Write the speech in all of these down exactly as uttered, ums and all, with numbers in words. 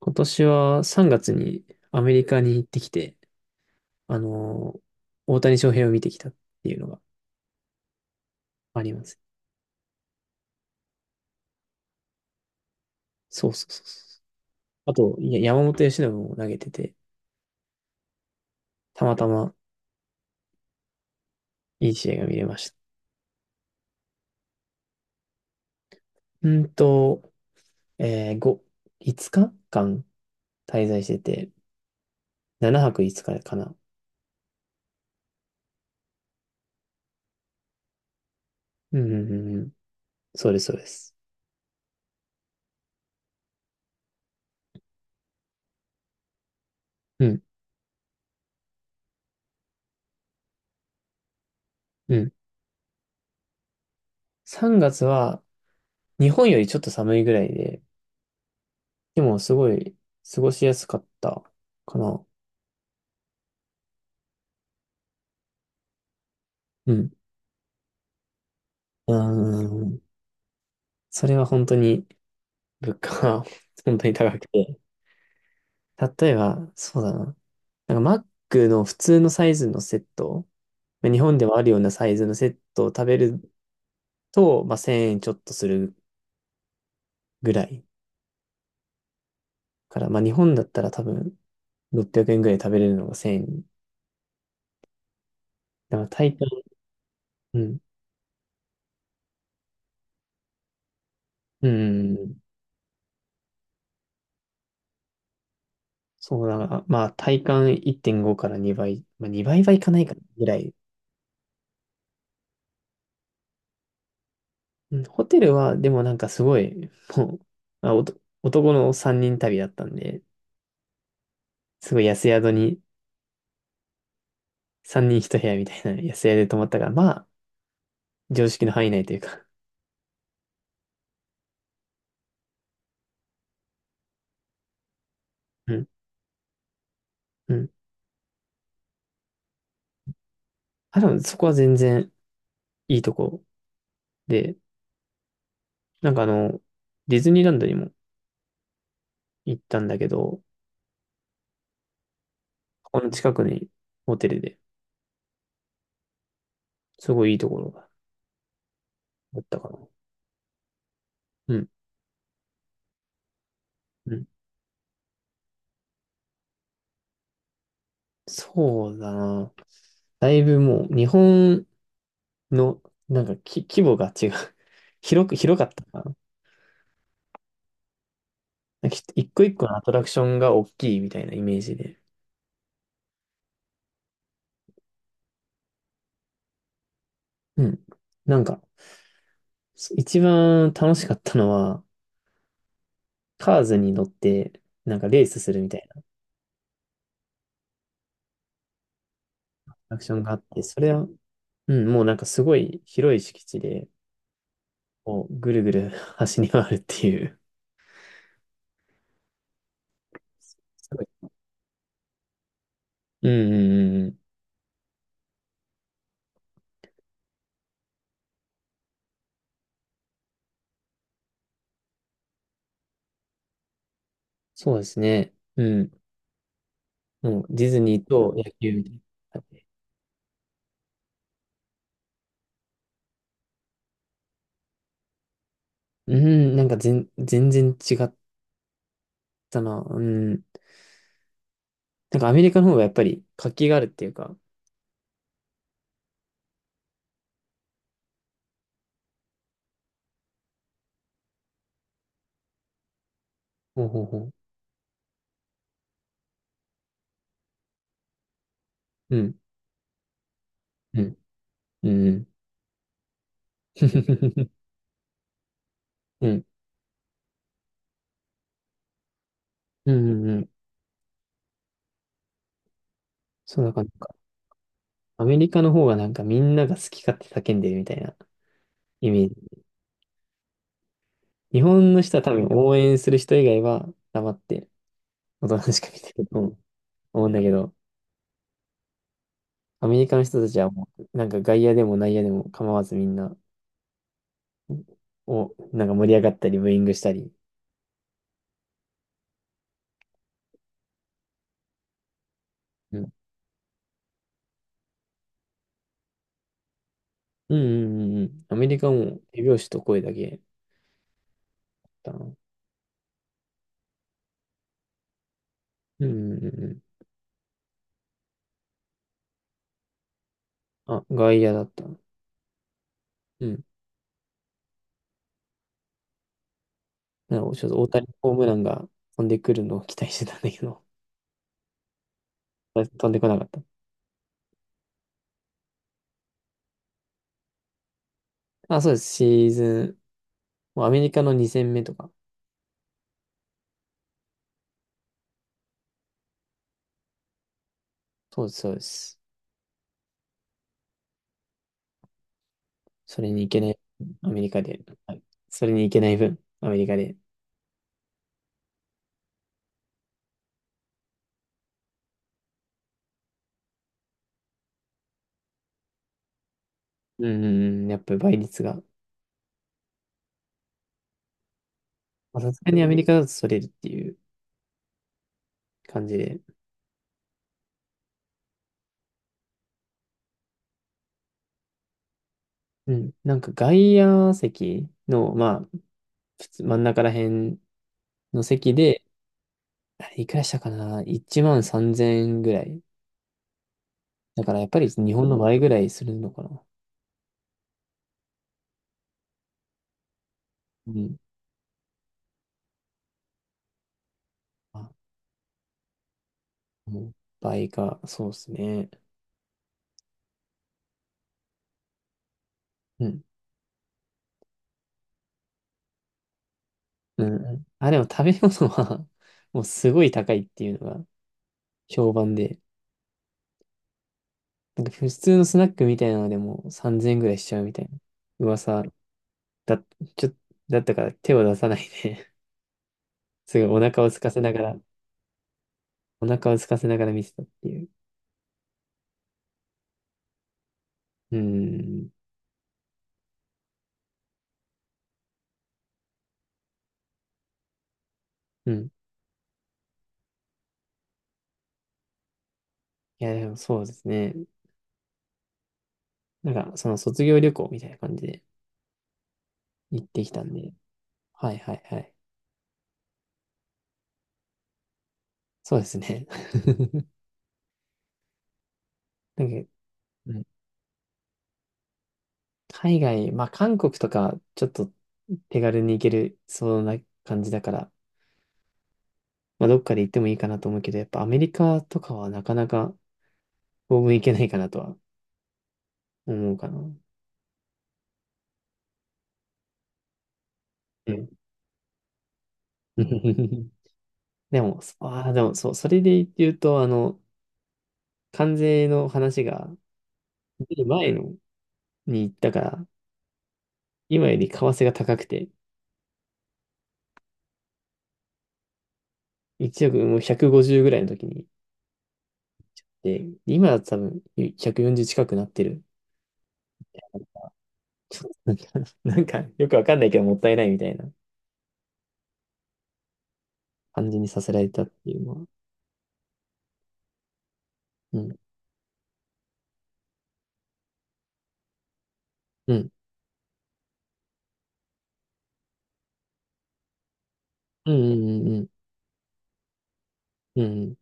今年はさんがつにアメリカに行ってきて、あのー大谷翔平を見てきたっていうのがあります。そうそうそうそう。あと、いや、山本由伸も投げてて、たまたまいい試合が見れました。うんと、えー、ご、ごにちかん滞在してて、ななはくいつかかかな。うんうんうんうん。そうです、そうです。うん、うん。さんがつは日本よりちょっと寒いぐらいで、でもすごい過ごしやすかったかな。うん。うーん。それは本当に物価は 本当に高くて。例えば、そうだな。なんかマックの普通のサイズのセット、まあ日本でもあるようなサイズのセットを食べると、まあ、せんえんちょっとするぐらい。から、まあ、日本だったら多分ろっぴゃくえんぐらいで食べれるのがせんえん。だから体感、うん、うん、そうだな。まあ体感いってんごからにばい、まあ、にばいはいかないかなぐらい。うん、ホテルはでもなんかすごい、もう、あおと男のさんにん旅だったんで、すごい安宿にさんにんひとへや部屋みたいな安宿で泊まったから、まあ、常識の範囲内というか。うん。うん。あ、でもそこは全然いいとこで、なんかあの、ディズニーランドにも行ったんだけど、この近くにホテルで、すごいいいところがあったかな。うん。うん。そうだな。だいぶもう日本のなんかき規模が違う。広く、広かったかな。なんかひ一個一個のアトラクションが大きいみたいなイメージで。うん。なんか、一番楽しかったのは、カーズに乗って、なんかレースするみたいなアクションがあって、それは、うん、もうなんかすごい広い敷地で、こう、ぐるぐる 走り回るっていう。すごい。うんうんうんうん。そうですね。うん。もうディズニーと野球みたいな。うん、なんか全、全然違ったな。うん。なんかアメリカの方がやっぱり活気があるっていうか。ほうほうほう。うん、うん、うん。うん、うん、うん。うんうん、そんな感じか。アメリカの方がなんかみんなが好き勝手叫んでるみたいなイメージ。日本の人は多分応援する人以外は黙っておとなしく見てると思うんだけど、アメリカの人たちはもうなんか外野でも内野でも構わずみんなをなんか盛り上がったりブーイングしたり。うん、うんうんうんうん。アメリカも手拍子と声だけだな。うんうんうんうん。あ、外野だったな。うん。なんかちょっと大谷ホームランが飛んでくるのを期待してたんだけど、飛んでこなかった。あ、そうです。シーズンもうアメリカのにせんめ戦目とか。そうです、そうです。それに行けない、アメリカで。はい。それに行けない分、アメリカで。うん、うんうん、やっぱり倍率が。まあさすがにアメリカだとそれるっていう感じで。うん。なんか外野席の、まあ、普通真ん中ら辺の席で、あれいくらしたかな？ いちまんさんぜんえんぐらい。だからやっぱり日本の倍ぐらいするのかな。うん。まあ、もう倍か、そうですね。うんうんうん。あ、でも食べ物は もうすごい高いっていうのが評判で、なんか普通のスナックみたいなのでもさんぜんえんぐらいしちゃうみたいな噂だ、ちょ、だったから手を出さないで すごいお腹を空かせながら、お腹を空かせながら見てたっていう。うん。うん。いや、でもそうですね。なんかその卒業旅行みたいな感じで行ってきたんで。はいはいはい。そうですね。なんか、うん、海外、まあ韓国とかちょっと手軽に行けるそうな感じだから、まあどっかで行ってもいいかなと思うけど、やっぱアメリカとかはなかなか当分行けないかなとは思うかな。うん。でも、そああ、でもそう、それで言うと、あの、関税の話が出る前のに行ったから、今より為替が高くて、いちおくもうひゃくごじゅうぐらいの時に行って、今は多分ひゃくよんじゅう近くなってる。なんか、なんかよくわかんないけどもったいないみたいな感じにさせられたっていうのは。うん。うん。うんうんうんうん。うんうん。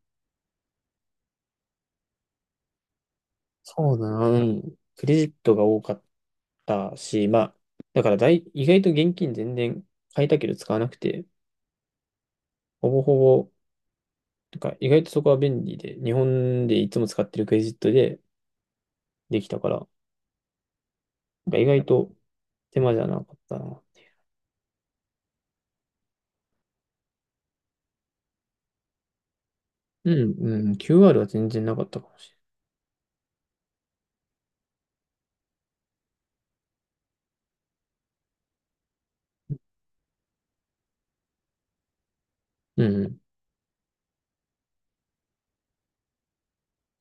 そうだな。うん。クレジットが多かったし、まあ、だからだい、意外と現金全然買えたけど使わなくて、ほぼほぼ、なんか意外とそこは便利で、日本でいつも使ってるクレジットでできたから、なんか意外と手間じゃなかったな。うん、うん、キューアール は全然なかったかもしれない。うん、う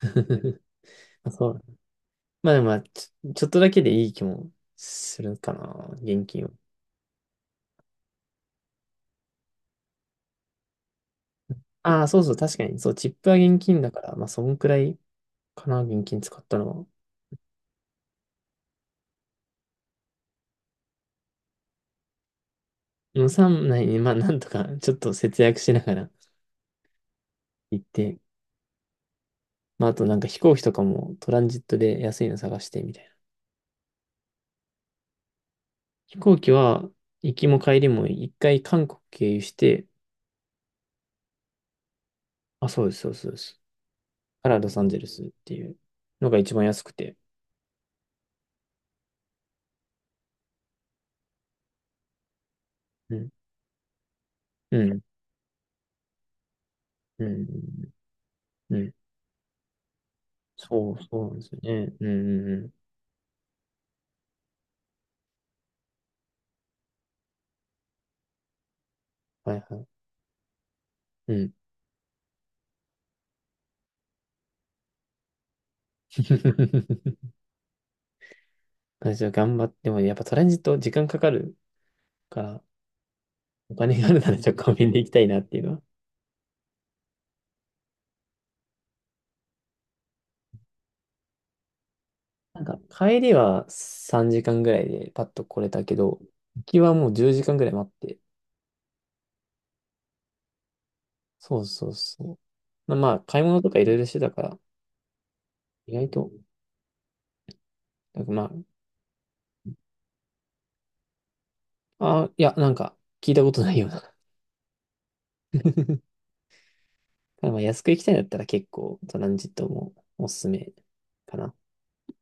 ん。あ、そう。まあでもまあ、ちょ、ちょっとだけでいい気もするかな、現金は。ああ、そうそう、確かに。そう、チップは現金だから、まあ、そんくらいかな、現金使ったのは。予算内に、まあ、なんとか、ちょっと節約しながら行って、まあ、あとなんか飛行機とかもトランジットで安いの探して、みたいな。飛行機は、行きも帰りも一回韓国経由して、あ、そうです、そうです、そうです。からロサンゼルスっていうのが一番安くて。うん、うん、うん、うん。うん、そう、そうなんですよね。うん、うん、うん。はい、はい。うん。私は頑張っても、やっぱトランジット時間かかるから、お金があるならちょっとコンビニで行きたいなっていうのは。なんか、帰りはさんじかんぐらいでパッと来れたけど、行きはもうじゅうじかんぐらい待って。そうそうそう。まあ、買い物とかいろいろしてたから、意外と、なんかまあ、あ、いや、なんか、聞いたことないような。ただまあ、安く行きたいんだったら結構、トランジットもおすすめかな。